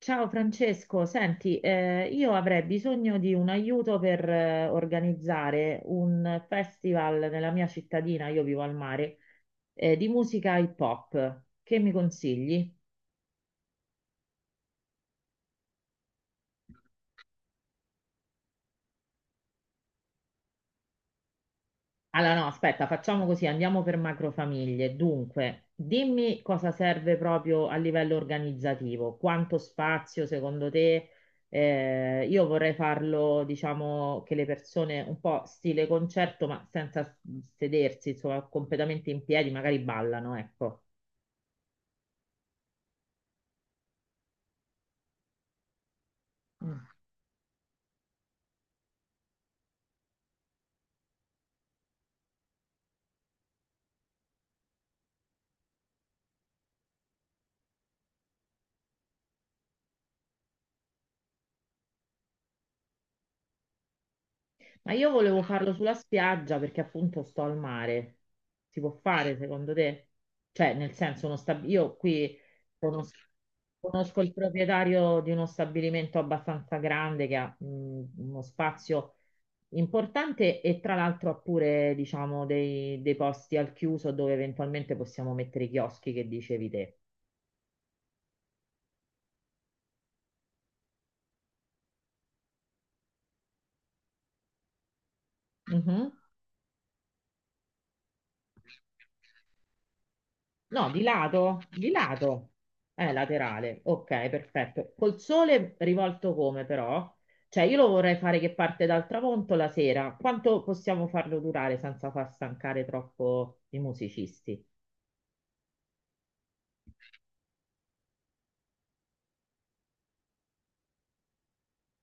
Ciao Francesco, senti, io avrei bisogno di un aiuto per organizzare un festival nella mia cittadina, io vivo al mare, di musica hip hop. Che mi consigli? Allora, no, aspetta, facciamo così, andiamo per macrofamiglie. Dunque, dimmi cosa serve proprio a livello organizzativo, quanto spazio secondo te? Io vorrei farlo, diciamo, che le persone un po' stile concerto, ma senza s- sedersi, insomma, completamente in piedi, magari ballano, ecco. Ma io volevo farlo sulla spiaggia perché appunto sto al mare. Si può fare secondo te? Cioè, nel senso, io qui conos- conosco il proprietario di uno stabilimento abbastanza grande che ha uno spazio importante e tra l'altro ha pure, diciamo, dei posti al chiuso dove eventualmente possiamo mettere i chioschi che dicevi te. Mhm. No, di lato, di lato. Laterale. Ok, perfetto. Col sole rivolto come però? Cioè, io lo vorrei fare che parte dal tramonto la sera. Quanto possiamo farlo durare senza far stancare troppo i musicisti?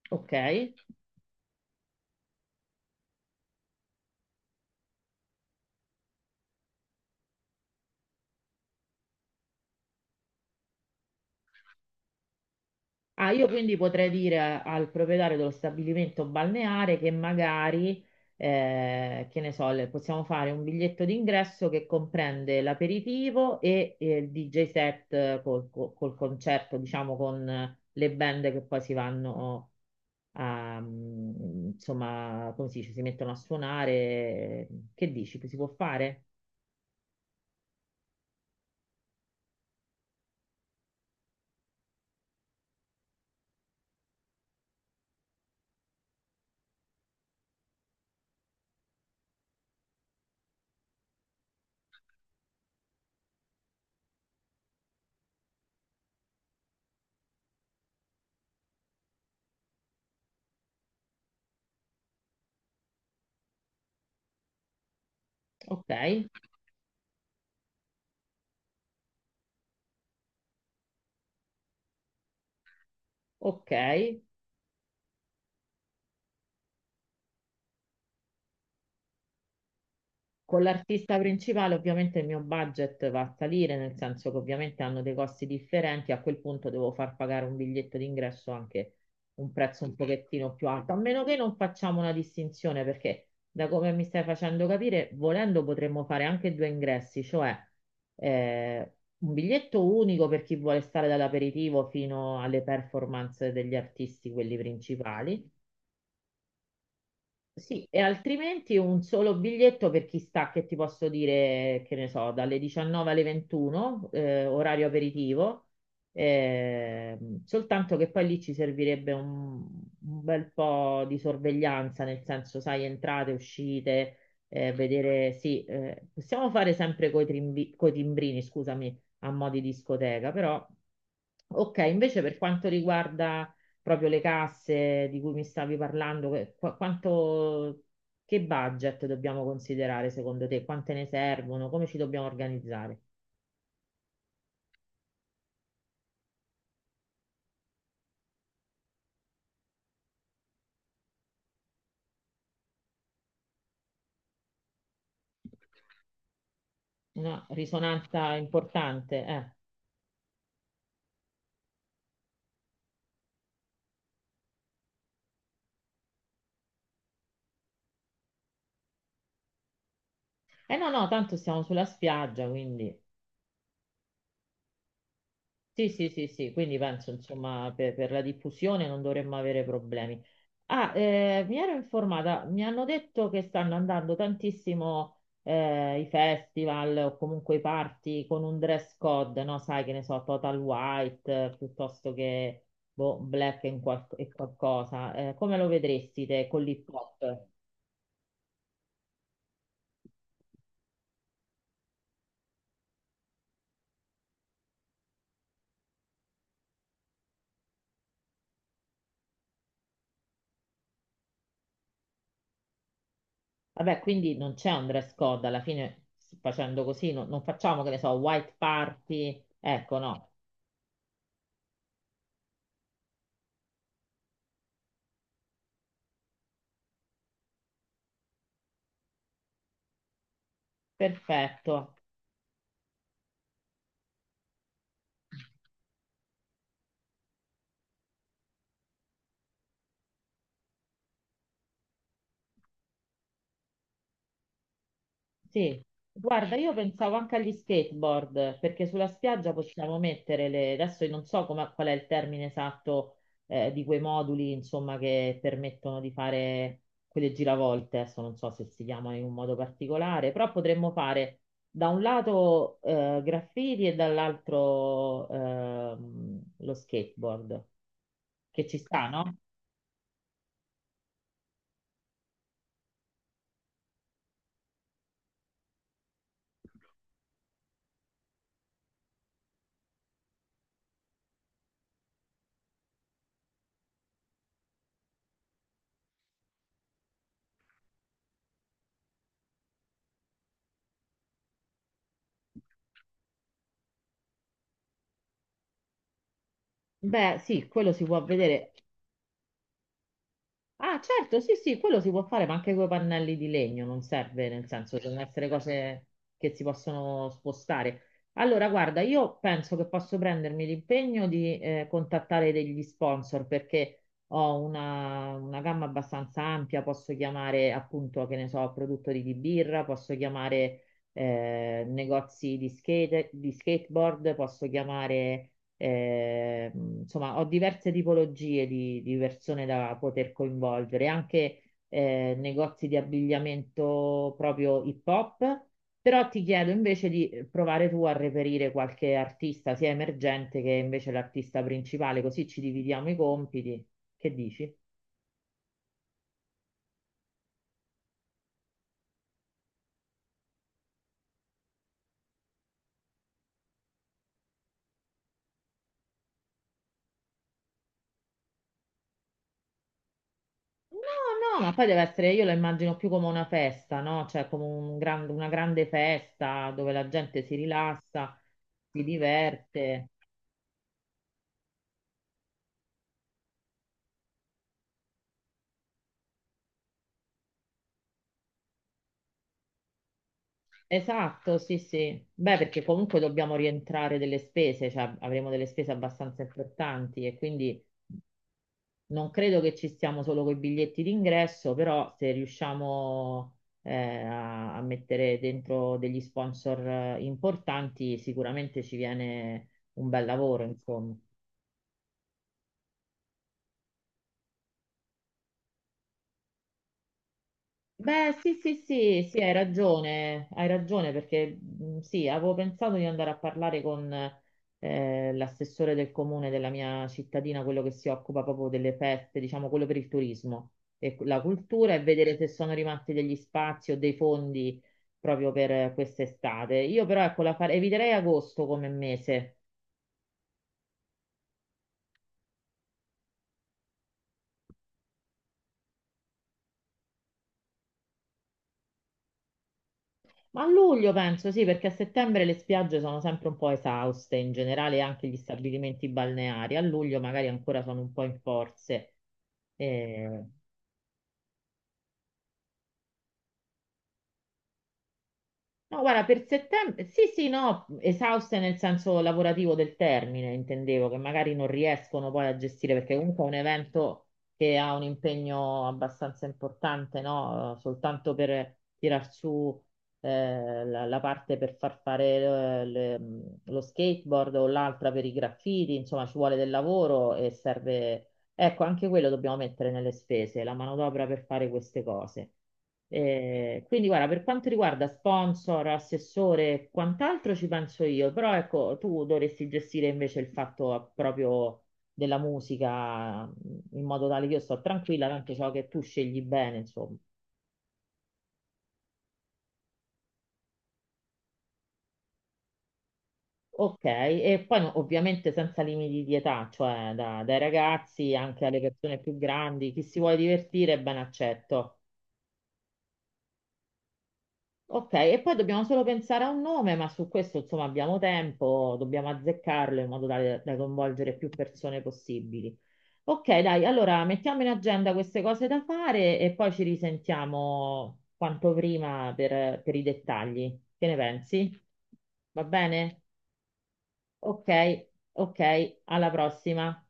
Ok? Ah, io quindi potrei dire al proprietario dello stabilimento balneare che magari, che ne so, possiamo fare un biglietto d'ingresso che comprende l'aperitivo e il DJ set col concerto, diciamo, con le band che poi si vanno a, insomma, come si dice, si mettono a suonare. Che dici? Si può fare? Ok, ok. Con l'artista principale ovviamente il mio budget va a salire, nel senso che ovviamente hanno dei costi differenti, a quel punto devo far pagare un biglietto d'ingresso anche un prezzo un pochettino più alto, a meno che non facciamo una distinzione, perché da come mi stai facendo capire, volendo potremmo fare anche due ingressi, cioè eh, un biglietto unico per chi vuole stare dall'aperitivo fino alle performance degli artisti, quelli principali sì, e altrimenti un solo biglietto per chi sta, che ti posso dire, che ne so, dalle 19 alle 21, orario aperitivo, soltanto che poi lì ci servirebbe un bel po' di sorveglianza, nel senso, sai, entrate, uscite, vedere, sì, possiamo fare sempre coi timbrini, scusami, a mo' di discoteca, però... Ok, invece per quanto riguarda proprio le casse di cui mi stavi parlando, che budget dobbiamo considerare secondo te? Quante ne servono? Come ci dobbiamo organizzare? Una risonanza importante, eh. Eh no, no, tanto siamo sulla spiaggia, quindi sì, sì, sì, sì, quindi penso insomma per la diffusione non dovremmo avere problemi. Ah, mi ero informata, mi hanno detto che stanno andando tantissimo i festival o comunque i party con un dress code, no? Sai che ne so, total white piuttosto che boh, e qualcosa. Come lo vedresti te con l'hip hop? Vabbè, quindi non c'è un dress code, alla fine facendo così non, non facciamo, che ne so, white party, ecco no, perfetto. Sì, guarda, io pensavo anche agli skateboard, perché sulla spiaggia possiamo mettere le... Adesso io non so qual è il termine esatto di quei moduli, insomma, che permettono di fare quelle giravolte, adesso non so se si chiamano in un modo particolare, però potremmo fare da un lato graffiti e dall'altro lo skateboard, che ci sta, no? Beh, sì, quello si può vedere. Ah, certo, sì, sì, quello si può fare, ma anche con i pannelli di legno, non serve, nel senso, devono essere cose che si possono spostare. Allora, guarda, io penso che posso prendermi l'impegno di contattare degli sponsor perché ho una gamma abbastanza ampia, posso chiamare appunto, che ne so, produttori di birra, posso chiamare negozi di skate, di skateboard, posso chiamare insomma, ho diverse tipologie di persone da poter coinvolgere, anche negozi di abbigliamento proprio hip hop, però ti chiedo invece di provare tu a reperire qualche artista, sia emergente che invece l'artista principale, così ci dividiamo i compiti. Che dici? No, no, ma poi deve essere, io la immagino più come una festa, no? Cioè come una grande festa dove la gente si rilassa, si diverte. Esatto, sì, sì. Beh, perché comunque dobbiamo rientrare delle spese, cioè avremo delle spese abbastanza importanti e quindi non credo che ci stiamo solo con i biglietti d'ingresso, però se riusciamo eh, a, a mettere dentro degli sponsor importanti, sicuramente ci viene un bel lavoro, insomma. Beh, sì, sì, sì, sì, hai ragione perché sì, avevo pensato di andare a parlare con l'assessore del comune della mia cittadina, quello che si occupa proprio delle feste, diciamo quello per il turismo e la cultura e vedere se sono rimasti degli spazi o dei fondi proprio per quest'estate. Io però ecco, eviterei agosto come mese. Ma a luglio penso sì, perché a settembre le spiagge sono sempre un po' esauste, in generale anche gli stabilimenti balneari. A luglio magari ancora sono un po' in forze. Eh, No, guarda, per settembre, sì, sì, no, esauste nel senso lavorativo del termine, intendevo, che magari non riescono poi a gestire, perché comunque è un evento che ha un impegno abbastanza importante, no? Soltanto per tirar su la, la parte per far fare lo skateboard o l'altra per i graffiti, insomma, ci vuole del lavoro e serve. Ecco, anche quello dobbiamo mettere nelle spese, la manodopera per fare queste cose. Quindi, guarda, per quanto riguarda sponsor, assessore e quant'altro ci penso io, però ecco, tu dovresti gestire invece il fatto proprio della musica in modo tale che io sto tranquilla, tanto so che tu scegli bene, insomma. Ok, e poi no, ovviamente senza limiti di età, cioè dai ragazzi anche alle persone più grandi, chi si vuole divertire, ben accetto. Ok, e poi dobbiamo solo pensare a un nome, ma su questo insomma abbiamo tempo, dobbiamo azzeccarlo in modo tale da coinvolgere più persone possibili. Ok, dai, allora mettiamo in agenda queste cose da fare e poi ci risentiamo quanto prima per i dettagli. Che ne pensi? Va bene? Ok, ok, alla prossima.